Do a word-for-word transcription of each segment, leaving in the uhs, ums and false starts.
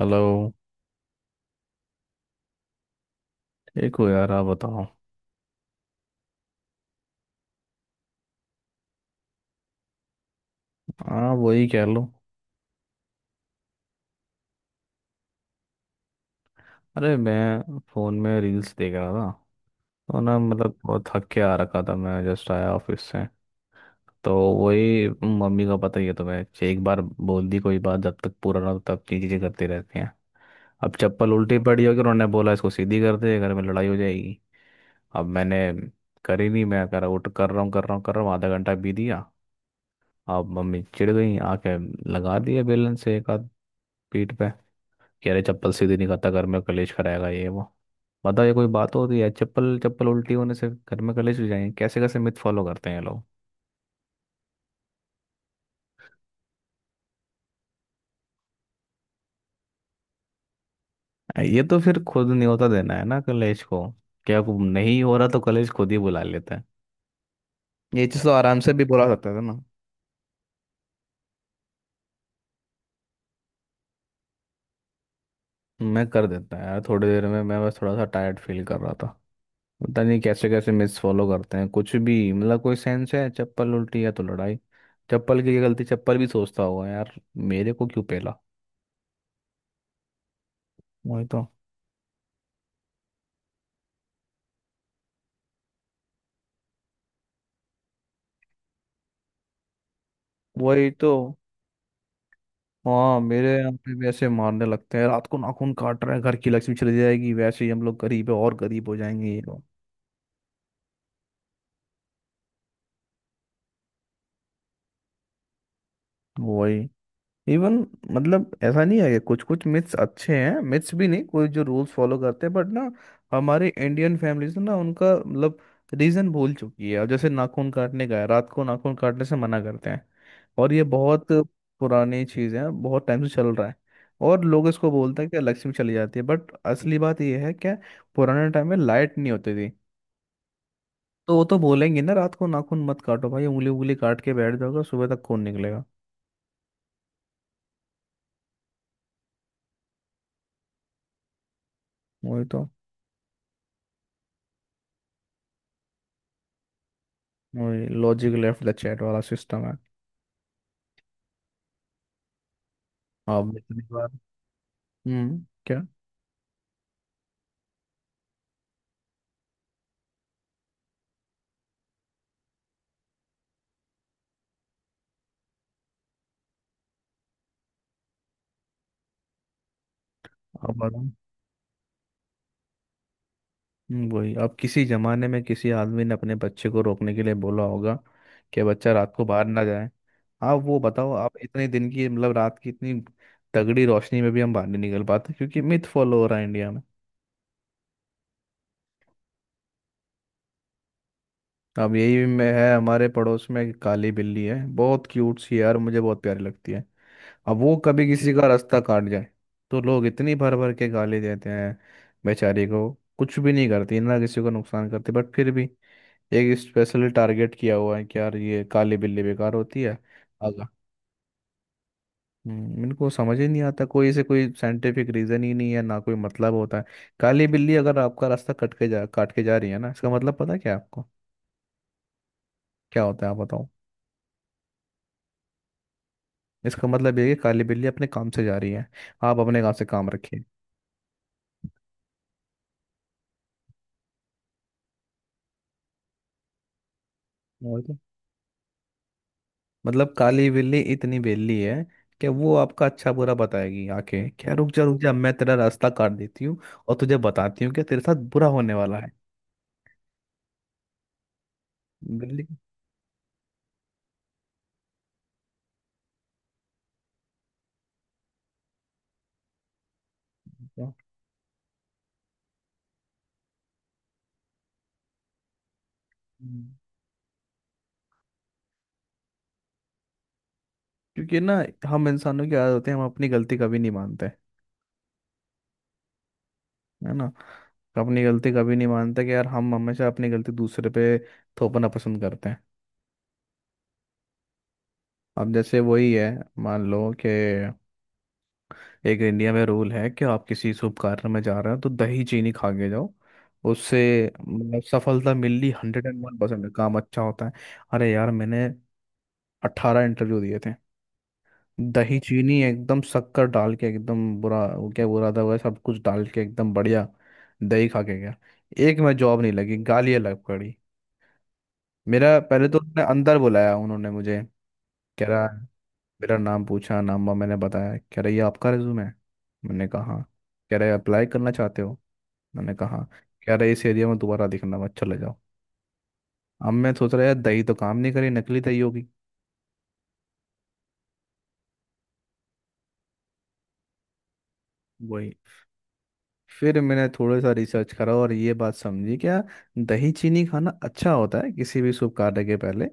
Hello. एक हो यार, आप बताओ। हाँ, वही कह लो। अरे, मैं फ़ोन में रील्स देख रहा था। तो ना मतलब बहुत थक के आ रखा था, मैं जस्ट आया ऑफिस से। तो वही। मम्मी का पता ही है तुम्हें, एक बार बोल दी कोई बात जब तक पूरा ना हो, तब की चीज़ें करती रहती हैं। अब चप्पल उल्टी पड़ी होगी, उन्होंने बोला इसको सीधी कर दे, घर में लड़ाई हो जाएगी। अब मैंने करी नहीं, मैं कर उठ कर रहा हूँ, कर रहा हूँ, कर रहा हूँ, आधा घंटा बीत गया। अब मम्मी चिढ़ गई आके, लगा दिए बेलन से एक आध पीठ पे कि अरे चप्पल सीधी नहीं खाता, घर में कलेश कराएगा ये वो। बताओ, ये कोई बात होती है? चप्पल चप्पल उल्टी होने से घर में कलेश हो जाएंगे? कैसे कैसे मिथ फॉलो करते हैं ये लोग। ये तो फिर खुद नहीं होता देना है ना कलेश को। क्या को नहीं हो रहा तो कलेश खुद ही बुला लेता है। ये चीज़ तो आराम से भी बुला सकते थे ना। मैं कर देता है यार थोड़ी देर में, मैं बस थोड़ा सा टायर्ड फील कर रहा था। पता नहीं कैसे कैसे मिस फॉलो करते हैं, कुछ भी मतलब कोई सेंस है? चप्पल उल्टी है तो लड़ाई, चप्पल की ये गलती? चप्पल भी सोचता होगा यार, मेरे को क्यों पेला। वही तो। वही तो हाँ मेरे यहाँ पे भी ऐसे मारने लगते हैं, रात को नाखून काट रहे हैं घर की लक्ष्मी चली जाएगी, वैसे ही हम लोग गरीब है और गरीब हो जाएंगे ये वो। वही। इवन मतलब ऐसा नहीं है, कुछ कुछ मिथ्स अच्छे हैं, मिथ्स भी नहीं कोई जो रूल्स फॉलो करते हैं, बट ना हमारे इंडियन फैमिलीज ना उनका मतलब रीजन भूल चुकी है। और जैसे नाखून काटने का है, रात को नाखून काटने से मना करते हैं, और ये बहुत पुरानी चीज़ है, बहुत टाइम से चल रहा है। और लोग इसको बोलते हैं कि लक्ष्मी चली जाती है, बट असली बात ये है क्या, पुराने टाइम में लाइट नहीं होती थी। तो वो तो बोलेंगे ना, रात को नाखून मत काटो भाई, उंगली उंगली काट के बैठ जाओगे, सुबह तक खून निकलेगा। वही तो। वही लॉजिक लेफ्ट द चैट वाला सिस्टम है। आप जितनी बार। हम्म, क्या? आप बताओ। हम्म, वही, अब किसी जमाने में किसी आदमी ने अपने बच्चे को रोकने के लिए बोला होगा कि बच्चा रात को बाहर ना जाए। आप वो बताओ, आप इतने दिन की मतलब रात की इतनी तगड़ी रोशनी में भी हम बाहर नहीं निकल पाते क्योंकि मिथ फॉलो हो रहा है इंडिया में। अब यही में है हमारे पड़ोस में एक काली बिल्ली है, बहुत क्यूट सी है यार, मुझे बहुत प्यारी लगती है। अब वो कभी किसी का रास्ता काट जाए तो लोग इतनी भर भर के गाली देते हैं बेचारी को। कुछ भी नहीं करती ना, किसी को नुकसान करती, बट फिर भी एक स्पेशली टारगेट किया हुआ है कि यार ये काली बिल्ली बेकार होती है। आगा। हम्म, इनको समझ ही नहीं आता, कोई इसे कोई साइंटिफिक रीजन ही नहीं है ना, कोई मतलब होता है। काली बिल्ली अगर आपका रास्ता कट के जा काट के जा रही है ना, इसका मतलब पता है क्या आपको, क्या होता है? आप बताओ। इसका मतलब ये है कि काली बिल्ली अपने काम से जा रही है, आप अपने काम से काम रखिए। और क्या? मतलब काली बिल्ली इतनी बेली है कि वो आपका अच्छा बुरा बताएगी आके, क्या रुक जा रुक जा मैं तेरा रास्ता काट देती हूँ और तुझे बताती हूँ कि तेरे साथ बुरा होने वाला है। बिल्ली को। पता-। हम्म। क्योंकि ना हम इंसानों की आदत होती है, हम अपनी गलती कभी नहीं मानते, है ना। अपनी गलती कभी नहीं मानते कि यार, हम हमेशा अपनी गलती दूसरे पे थोपना पसंद करते हैं। अब जैसे वही है, मान लो कि एक इंडिया में रूल है कि आप किसी शुभ कार्य में जा रहे हो तो दही चीनी खा के जाओ, उससे मतलब सफलता मिलनी, हंड्रेड एंड वन परसेंट काम अच्छा होता है। अरे यार, मैंने अट्ठारह इंटरव्यू दिए थे। दही चीनी एकदम शक्कर डाल के, एकदम बुरा वो क्या बुरा था, वह सब कुछ डाल के एकदम बढ़िया दही खा के गया। एक में जॉब नहीं लगी, गालियाँ लग पड़ी। मेरा पहले तो उन्होंने अंदर बुलाया, उन्होंने मुझे कह रहा, मेरा नाम पूछा, नाम वाम मैंने बताया। कह रहा ये आपका रिज्यूमे है? मैंने कहा हाँ। कह रहे अप्लाई करना चाहते हो? मैंने कहा। कह रहा है इस एरिया में दोबारा दिखना मत, चले जाओ। अब मैं सोच रहा यार, दही तो काम नहीं करी, नकली दही होगी। वही। फिर मैंने थोड़ा सा रिसर्च करा और ये बात समझी क्या, दही चीनी खाना अच्छा होता है किसी भी शुभ कार्य के पहले,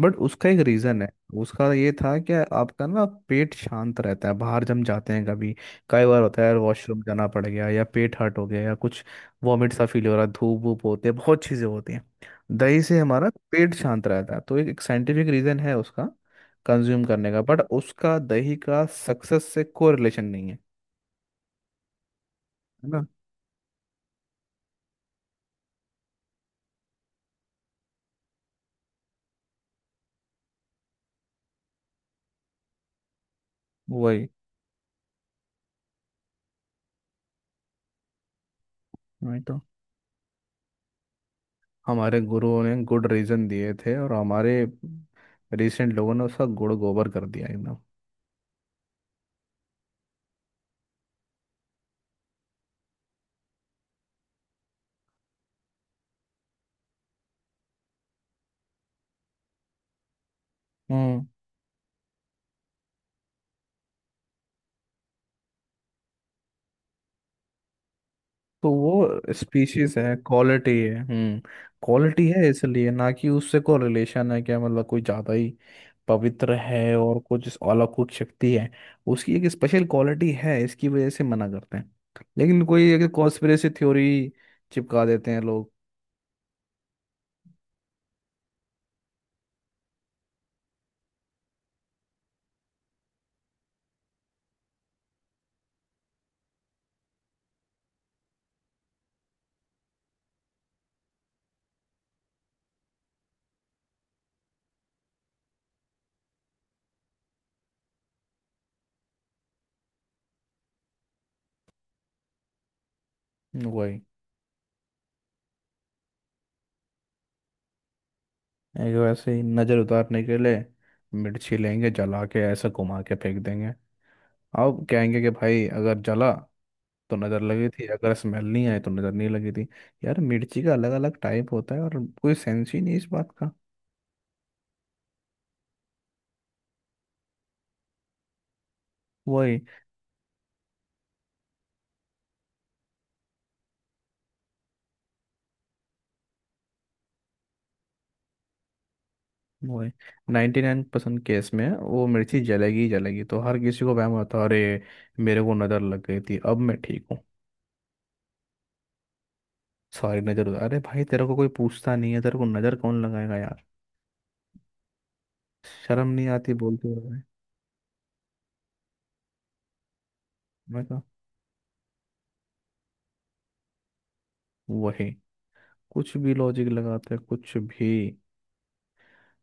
बट उसका एक रीज़न है। उसका ये था कि आपका ना पेट शांत रहता है, बाहर जम जाते हैं कभी। कई बार होता है यार, वॉशरूम जाना पड़ गया, या पेट हर्ट हो गया, या कुछ वॉमिट सा फील हो रहा है, धूप वूप होते हैं, बहुत चीज़ें होती हैं। दही से हमारा पेट शांत रहता है, तो एक साइंटिफिक रीज़न है उसका कंज्यूम करने का, बट उसका दही का सक्सेस से कोई रिलेशन नहीं है। है ना। वही। वही तो हमारे गुरुओं ने गुड रीजन दिए थे और हमारे रिसेंट लोगों ने उसका गुड़ गोबर कर दिया एकदम। हम्म, तो वो स्पीशीज है, क्वालिटी है। हम्म, क्वालिटी है इसलिए ना कि उससे कोई रिलेशन है क्या, मतलब कोई ज़्यादा ही पवित्र है और कुछ इस अलौकिक शक्ति है। उसकी एक स्पेशल क्वालिटी है, इसकी वजह से मना करते हैं, लेकिन कोई एक कॉन्स्पिरेसी थ्योरी चिपका देते हैं लोग। वही। एक वैसे ही नज़र उतारने के लिए मिर्ची लेंगे, जला के ऐसा घुमा के फेंक देंगे। अब कहेंगे कि भाई अगर जला तो नज़र लगी थी, अगर स्मेल नहीं आई तो नज़र नहीं लगी थी। यार मिर्ची का अलग अलग टाइप होता है और कोई सेंस ही नहीं इस बात का। वही। वही नाइन्टी नाइन परसेंट केस में वो मिर्ची जलेगी ही जलेगी, तो हर किसी को वहम होता है, अरे मेरे को नज़र लग गई थी अब मैं ठीक हूँ। सारी नज़र उतार, अरे भाई तेरे को कोई पूछता नहीं है, तेरे को नज़र कौन लगाएगा यार, शर्म नहीं आती बोलते हुए। मैं कहा। वही। कुछ भी लॉजिक लगाते हैं, कुछ भी।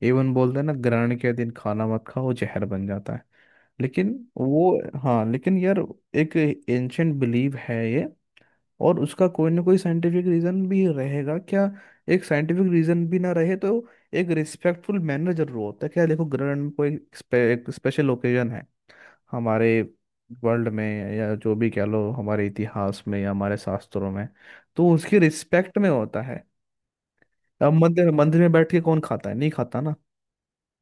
इवन बोलते हैं ना, ग्रहण के दिन खाना मत खाओ जहर बन जाता है, लेकिन वो, हाँ लेकिन यार एक एंशंट बिलीव है ये, और उसका कोई ना कोई साइंटिफिक रीजन भी रहेगा क्या। एक साइंटिफिक रीजन भी ना रहे तो एक रिस्पेक्टफुल मैनर जरूर होता है क्या, देखो ग्रहण में कोई स्पे, एक स्पेशल ओकेजन है हमारे वर्ल्ड में, या जो भी कह लो हमारे इतिहास में या हमारे शास्त्रों में, तो उसकी रिस्पेक्ट में होता है। अब मंदिर मंदिर में बैठ के कौन खाता है, नहीं खाता ना।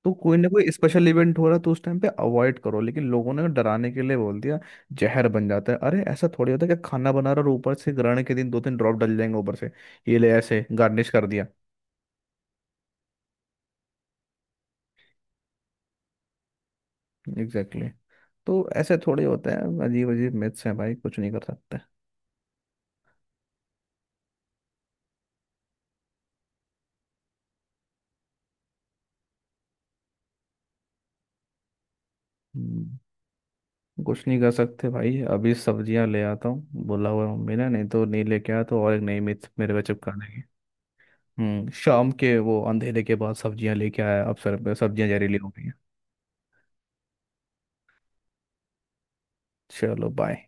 तो कोई ना कोई स्पेशल इवेंट हो रहा है, तो उस टाइम पे अवॉइड करो, लेकिन लोगों ने डराने के लिए बोल दिया जहर बन जाता है। अरे ऐसा थोड़ी होता है कि खाना बना रहा और ऊपर से ग्रहण के दिन दो तीन ड्रॉप डल जाएंगे ऊपर से, ये ले ऐसे गार्निश कर दिया। Exactly exactly। तो ऐसे थोड़े होते हैं, अजीब अजीब मिथ्स हैं भाई, कुछ नहीं कर सकते। हम्म, कुछ नहीं कर सकते भाई। अभी सब्जियां ले आता हूँ बोला हुआ है मम्मी ने, नहीं तो नहीं लेके आया तो और एक नई मिथ मेरे पे चिपका। हम्म, शाम के वो अंधेरे के बाद सब्जियां लेके आया, अब सर सब्जियां जहरीली हो गई हैं। चलो बाय।